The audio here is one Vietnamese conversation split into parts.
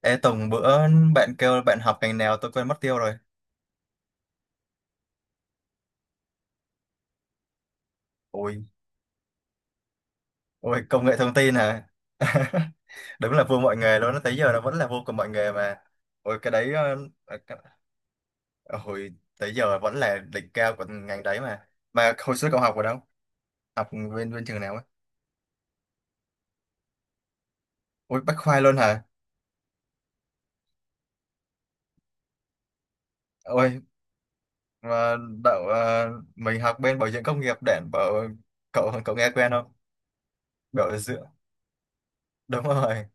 Ê Tùng bữa bạn kêu bạn học ngành nào tôi quên mất tiêu rồi. Ôi, ôi công nghệ thông tin hả? Đúng là vua mọi nghề luôn, tới giờ nó vẫn là vua của mọi nghề mà. Ôi cái đấy ờ, cái- ờ, hồi tới giờ vẫn là đỉnh cao của ngành đấy mà. Mà hồi xưa cậu học ở đâu? Học bên bên trường nào ấy? Ôi Bách Khoa luôn hả? Ôi mà đậu mình học bên bảo dưỡng công nghiệp để bảo cậu cậu nghe quen không? Bảo dưỡng. Đúng rồi,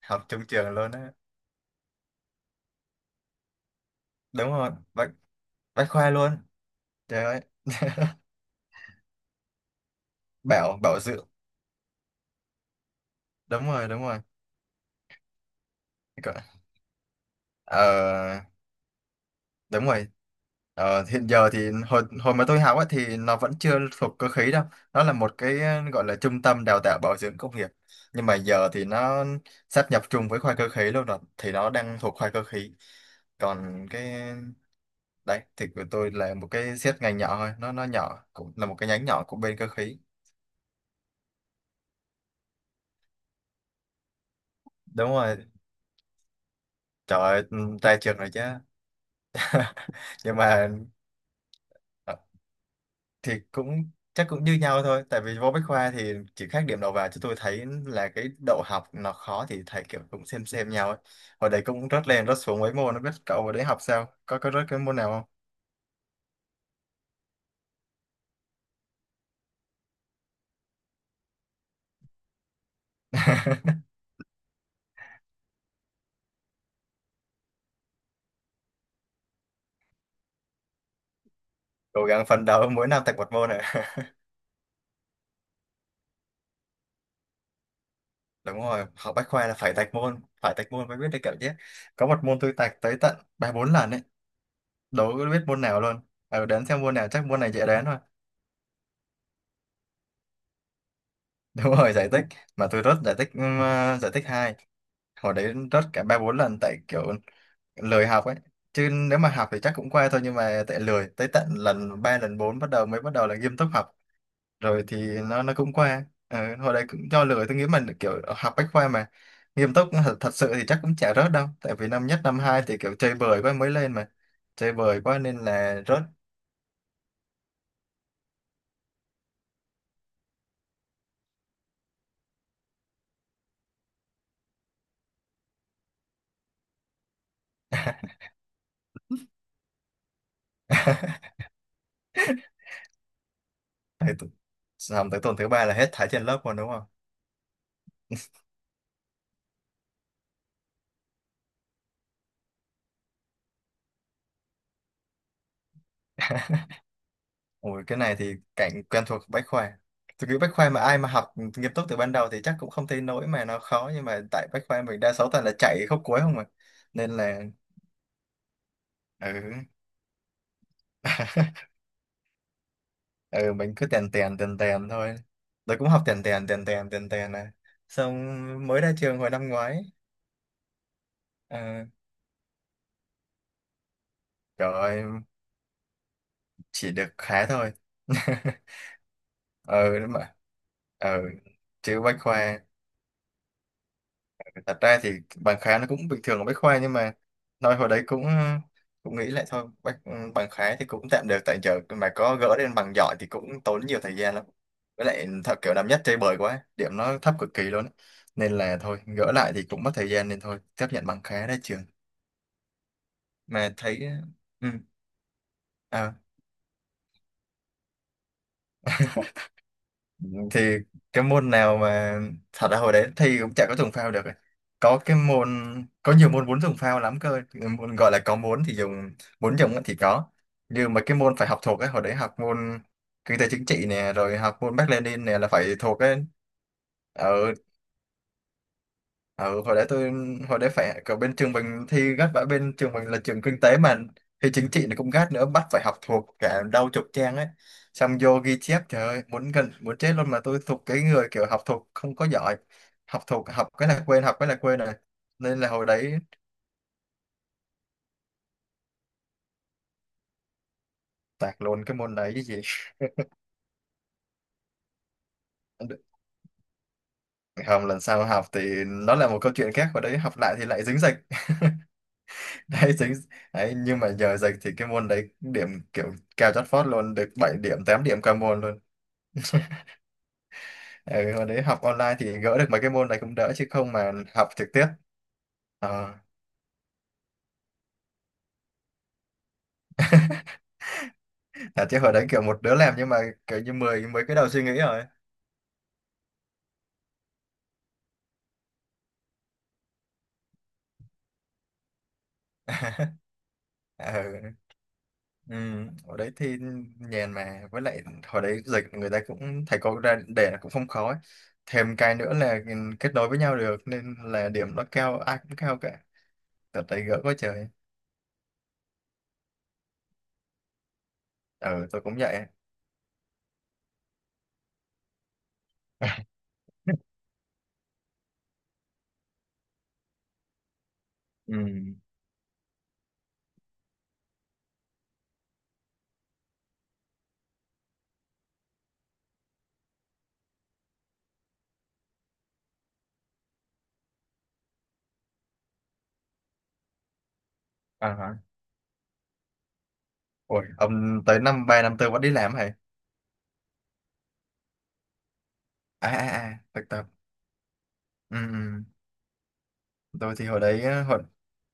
học chung trường luôn á. Đúng rồi, Bách Bách Khoa luôn. Trời ơi. bảo bảo dưỡng, đúng rồi. Gọi- ờ, đúng rồi. Ờ, hiện giờ thì hồi hồi mà tôi học ấy, thì nó vẫn chưa thuộc cơ khí đâu, nó là một cái gọi là trung tâm đào tạo bảo dưỡng công nghiệp, nhưng mà giờ thì nó sáp nhập chung với khoa cơ khí luôn rồi thì nó đang thuộc khoa cơ khí. Còn cái đấy thì của tôi là một cái xét ngành nhỏ thôi, nó nhỏ cũng là một cái nhánh nhỏ của bên cơ khí. Đúng rồi. Trời ơi, ra trường rồi chứ. Nhưng mà ờ, thì cũng chắc cũng như nhau thôi tại vì vô Bách Khoa thì chỉ khác điểm đầu vào, chứ tôi thấy là cái đậu học nó khó thì thầy kiểu cũng xem nhau ấy. Hồi đấy cũng rớt lên rớt xuống mấy môn, nó biết cậu hồi đấy học sao, có rớt cái môn nào không? Cố gắng phấn đấu mỗi năm tạch một môn ạ. Đúng rồi, học Bách Khoa là phải tạch môn, phải tạch môn mới biết được kiểu chứ. Có một môn tôi tạch tới tận ba bốn lần ấy, đâu có biết môn nào luôn, ờ đến xem môn nào chắc môn này dễ đến thôi. Đúng rồi, giải tích. Mà tôi rớt giải tích giải tích hai, hồi đấy rớt cả ba bốn lần tại kiểu lười học ấy, chứ nếu mà học thì chắc cũng qua thôi, nhưng mà tại lười tới tận lần 3 lần 4 bắt đầu là nghiêm túc học rồi thì nó cũng qua. Ờ, hồi đấy cũng do lười, tôi nghĩ mình kiểu học bách khoa mà nghiêm túc thật sự thì chắc cũng chả rớt đâu, tại vì năm nhất năm hai thì kiểu chơi bời quá mới lên mà, chơi bời quá nên là rớt. Thì tu- Xong tới tuần thứ ba là hết thải trên lớp rồi đúng không? Ủa, cái này thì cảnh quen thuộc Bách Khoa. Tôi nghĩ Bách Khoa mà ai mà học nghiêm túc từ ban đầu thì chắc cũng không thấy nỗi mà nó khó, nhưng mà tại Bách Khoa mình đa số toàn là chạy khúc cuối không mà, nên là ừ. Ừ, mình cứ tèn tèn tèn tèn thôi. Tôi cũng học tèn tèn tèn tèn tèn tèn này. Xong mới ra trường hồi năm ngoái. Ờ, trời ơi, chỉ được khá thôi. Ừ đúng mà. Ừ, chứ Bách Khoa thật ra thì bằng khái nó cũng bình thường ở Bách Khoa, nhưng mà nói hồi đấy cũng cũng nghĩ lại thôi bằng khái thì cũng tạm được, tại giờ mà có gỡ lên bằng giỏi thì cũng tốn nhiều thời gian lắm, với lại thật kiểu năm nhất chơi bời quá điểm nó thấp cực kỳ luôn á. Nên là thôi gỡ lại thì cũng mất thời gian nên thôi chấp nhận bằng khá ra trường mà thấy. Ừ. À, thì cái môn nào mà thật ra hồi đấy thi cũng chả có dùng phao được. Có cái môn, có nhiều môn muốn dùng phao lắm cơ. Cái môn gọi là có muốn thì dùng, muốn dùng á thì có, nhưng mà cái môn phải học thuộc ấy, hồi đấy học môn kinh tế chính trị nè, rồi học môn Mác Lênin nè là phải thuộc ấy. Ừ. Ừ, hồi đấy tôi, hồi đấy phải ở bên trường mình thi gắt, vả bên trường mình là trường kinh tế mà, thi chính trị nó cũng gắt nữa, bắt phải học thuộc cả đau chục trang ấy, xong vô ghi chép trời ơi muốn gần muốn chết luôn, mà tôi thuộc cái người kiểu học thuộc không có giỏi, học thuộc học cái là quên học cái là quên rồi. Nên là hồi đấy tạc luôn cái môn đấy chứ gì. Không, lần sau học thì nó là một câu chuyện khác, hồi đấy học lại thì lại dính dịch. Đấy, dính đấy, nhưng mà giờ dịch thì cái môn đấy điểm kiểu cao chót vót luôn, được 7 điểm 8 điểm qua môn luôn. Ừ, hồi đấy học online thì gỡ được mấy cái môn này cũng đỡ, chứ không mà học trực tiếp. Ờ. À, chứ hồi đấy kiểu một đứa làm nhưng mà kiểu như mười mấy cái đầu suy nghĩ rồi. Ừ. Ừ. Hồi đấy thì nhàn mà, với lại hồi đấy dịch người ta cũng thầy cô ra để là cũng không khó ấy. Thêm cái nữa là kết nối với nhau được nên là điểm nó cao, ai cũng cao cả. Thật đấy, gỡ quá trời. Ừ tôi cũng vậy. Ừ. À, hả. Ôi ông tới năm ba năm tư vẫn đi làm hả? À à à, thực tập. Ừ. Ừ. Tôi thì hồi đấy á, hồi,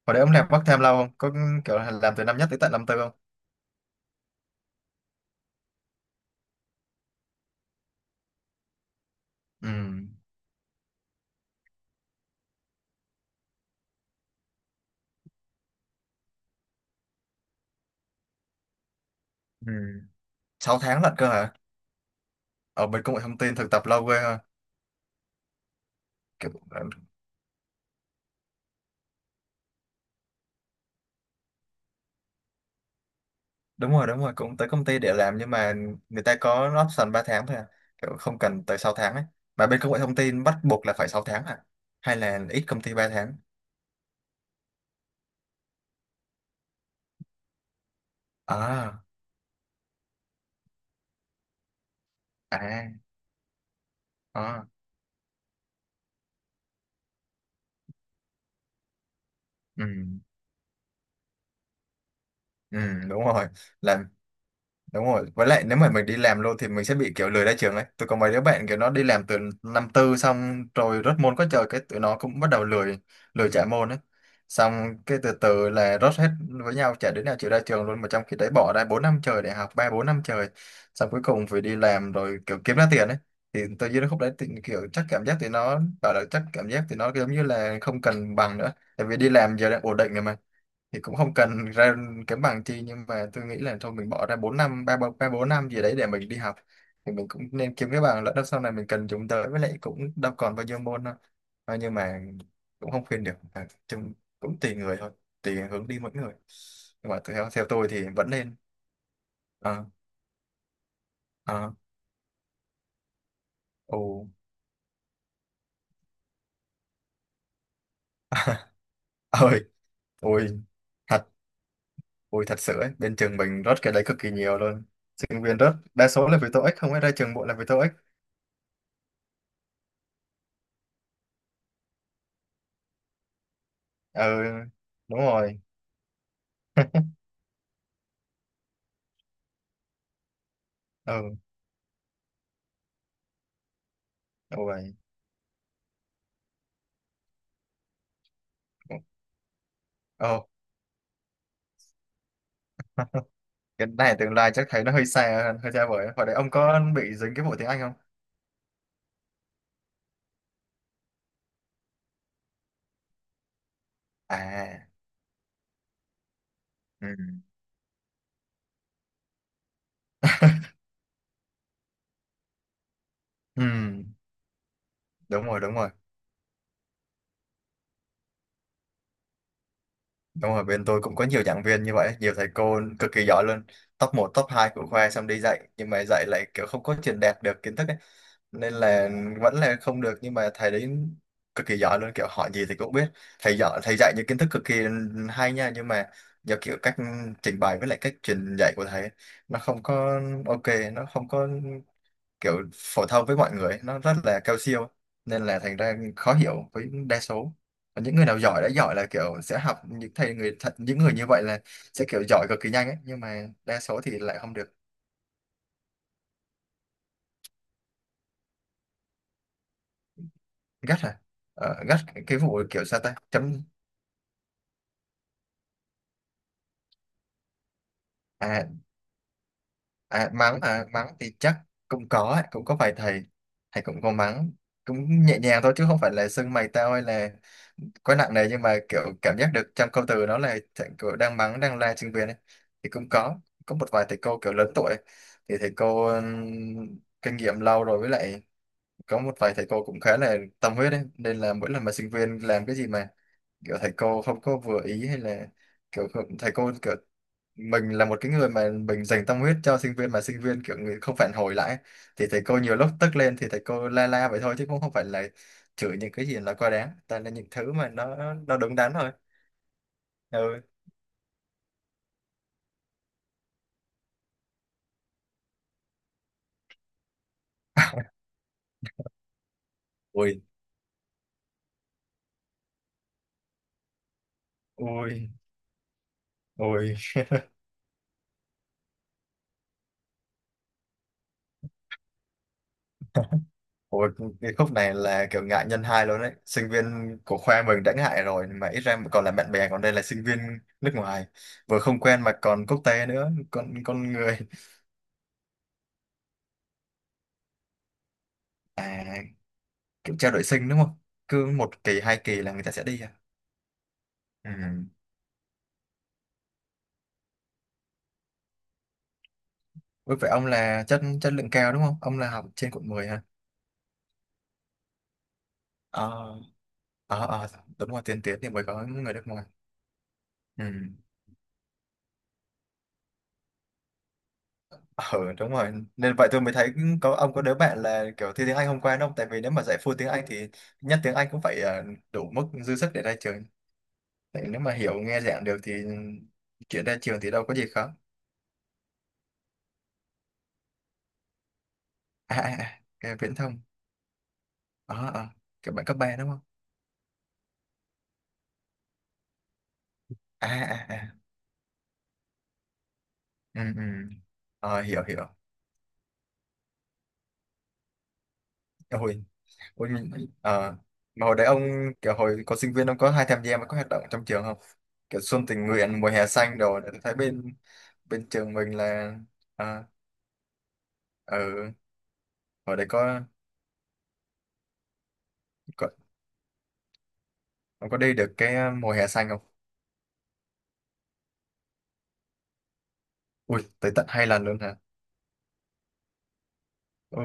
hồi đấy ông làm part time lâu không, có kiểu là làm từ năm nhất tới tận năm tư không? Ừ. Ừ. Sáu tháng lận cơ hả? Ở bên công nghệ thông tin thực tập lâu ghê ha. Kiểu đúng rồi đúng rồi, cũng tới công ty để làm nhưng mà người ta có option 3 tháng thôi à, kiểu không cần tới 6 tháng ấy, mà bên công nghệ thông tin bắt buộc là phải 6 tháng à, hay là ít công ty ba tháng? À à à. Ừ. Ừ. Đúng rồi. Làm đúng rồi, với lại nếu mà mình đi làm luôn thì mình sẽ bị kiểu lười ra trường ấy. Tôi có mấy đứa bạn kiểu nó đi làm từ năm tư xong rồi rớt môn có trời, cái tụi nó cũng bắt đầu lười, lười trả môn ấy, xong cái từ từ là rớt hết với nhau, chả đứa nào chịu ra trường luôn, mà trong khi đấy bỏ ra 4 năm trời để học, ba bốn năm trời, xong cuối cùng phải đi làm rồi kiểu kiếm ra tiền ấy. Thì tôi dưới khúc đấy thì kiểu chắc cảm giác thì nó bảo là chắc cảm giác thì nó giống như là không cần bằng nữa, tại vì đi làm giờ đang ổn định rồi mà, thì cũng không cần ra kiếm bằng chi. Nhưng mà tôi nghĩ là thôi mình bỏ ra 4 năm, ba bốn năm gì đấy để mình đi học, thì mình cũng nên kiếm cái bằng lỡ đâu sau này mình cần dùng tới, với lại cũng đâu còn bao nhiêu môn đâu. Ờ, nhưng mà cũng không khuyên được chung cũng tùy người thôi, tùy hướng đi mỗi người. Nhưng mà theo theo tôi thì vẫn nên. Ờ. Ờ. Ồ. Ơi. Ôi thật. Ôi thật sự ấy bên trường mình rớt cái đấy cực kỳ nhiều luôn, sinh viên rớt đa số là vì tô ích, không phải ra trường bộ là vì tô ích. Ừ. Đúng rồi. Ừ. Ồ vậy. Ồ. Cái này tương lai chắc thấy nó hơi xa vời. Hồi đấy ông có bị dính cái vụ tiếng Anh không? À. Ừ. Ừ, đúng rồi, đúng rồi. Đúng rồi, bên tôi cũng có nhiều giảng viên như vậy, nhiều thầy cô cực kỳ giỏi luôn. Top 1 top 2 của khoa xong đi dạy, nhưng mà dạy lại kiểu không có truyền đạt được kiến thức ấy. Nên là vẫn là không được, nhưng mà thầy đấy cực kỳ giỏi luôn, kiểu hỏi gì thì cũng biết. Thầy giỏi, thầy dạy những kiến thức cực kỳ hay nha, nhưng mà do kiểu cách trình bày với lại cách truyền dạy của thầy ấy, nó không có ok, nó không có kiểu phổ thông với mọi người, nó rất là cao siêu, nên là thành ra khó hiểu với đa số. Còn những người nào giỏi đã giỏi là kiểu sẽ học những thầy người thật, những người như vậy là sẽ kiểu giỏi cực kỳ nhanh ấy, nhưng mà đa số thì lại không được. Gắt à? Ờ, gắt cái vụ kiểu sao ta chấm à? À, mắng hả? Mắng thì chắc cũng có ấy, cũng có vài thầy. Thầy cũng có mắng, cũng nhẹ nhàng thôi chứ không phải là xưng mày tao hay là quá nặng nề, nhưng mà kiểu cảm giác được trong câu từ đó là thầy kiểu đang mắng, đang la sinh viên ấy. Thì cũng có một vài thầy cô kiểu lớn tuổi thì thầy cô kinh nghiệm lâu rồi, với lại có một vài thầy cô cũng khá là tâm huyết ấy. Nên là mỗi lần mà sinh viên làm cái gì mà kiểu thầy cô không có vừa ý hay là kiểu không- thầy cô kiểu mình là một cái người mà mình dành tâm huyết cho sinh viên, mà sinh viên kiểu người không phản hồi lại ấy. Thì thầy cô nhiều lúc tức lên thì thầy cô la la vậy thôi, chứ cũng không phải là chửi những cái gì là quá đáng, toàn là những thứ mà nó đúng đắn thôi. Ừ. Ui. Ui. Ui. Ui. Cái khúc này là kiểu ngại nhân hai luôn đấy, sinh viên của khoa mình đã ngại rồi mà ít ra còn là bạn bè, còn đây là sinh viên nước ngoài, vừa không quen mà còn quốc tế nữa, con người. À, kiểu trao đổi sinh đúng không, cứ một kỳ hai kỳ là người ta sẽ đi à. Ừ. Với vậy ông là chất chất lượng cao đúng không? Ông là học trên quận 10 hả? Ờ, ờ, ờ, đúng rồi, tiền tiến thì mới có người nước ngoài. Ừ. Ờ, đúng rồi. Nên vậy tôi mới thấy có ông có đứa bạn là kiểu thi tiếng Anh hôm qua đúng không? Tại vì nếu mà dạy full tiếng Anh thì nhất tiếng Anh cũng phải đủ mức dư sức để ra trường. Tại nếu mà hiểu nghe giảng được thì chuyện ra trường thì đâu có gì khó. À, à, à, cái viễn thông. Ờ, ờ, kiểu bạn cấp ba đúng không? À, à, à. Ừ, ừ. Ờ, hiểu, hiểu. Ôi. Ôi, mình, à, mà hồi đấy ông kiểu hồi có sinh viên ông có hay tham gia mấy cái hoạt động trong trường không? Kiểu xuân tình nguyện, mùa hè xanh đồ để tôi thấy bên bên trường mình là à, ở hồi đấy có ông có đi được cái mùa hè xanh không? Ui, tới tận hai lần luôn hả? Ồ.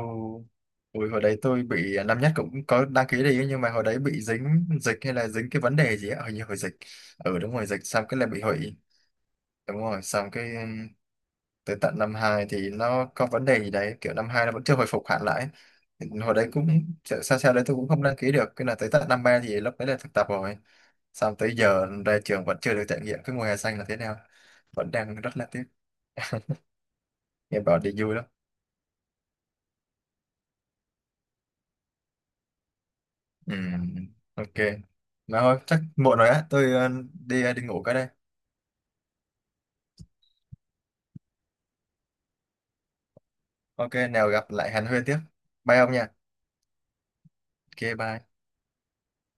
Ui, hồi đấy tôi bị năm nhất cũng có đăng ký đi nhưng mà hồi đấy bị dính dịch hay là dính cái vấn đề gì á, hình như hồi dịch. Ừ đúng rồi, dịch xong cái là bị hủy. Đúng rồi, xong cái tới tận năm 2 thì nó có vấn đề gì đấy, kiểu năm 2 nó vẫn chưa hồi phục hẳn lại. Thì hồi đấy cũng sao sao đấy, tôi cũng không đăng ký được, cái là tới tận năm 3 thì lúc đấy là thực tập rồi, xong tới giờ ra trường vẫn chưa được trải nghiệm cái mùa hè xanh là thế nào, vẫn đang rất là tiếc, nghe bảo đi vui lắm. Ừ, ok. Mà thôi chắc muộn rồi á, tôi đi ngủ cái đây. Ok, nào gặp lại Hàn Huyên tiếp. Bye ông nha. Ok, bye.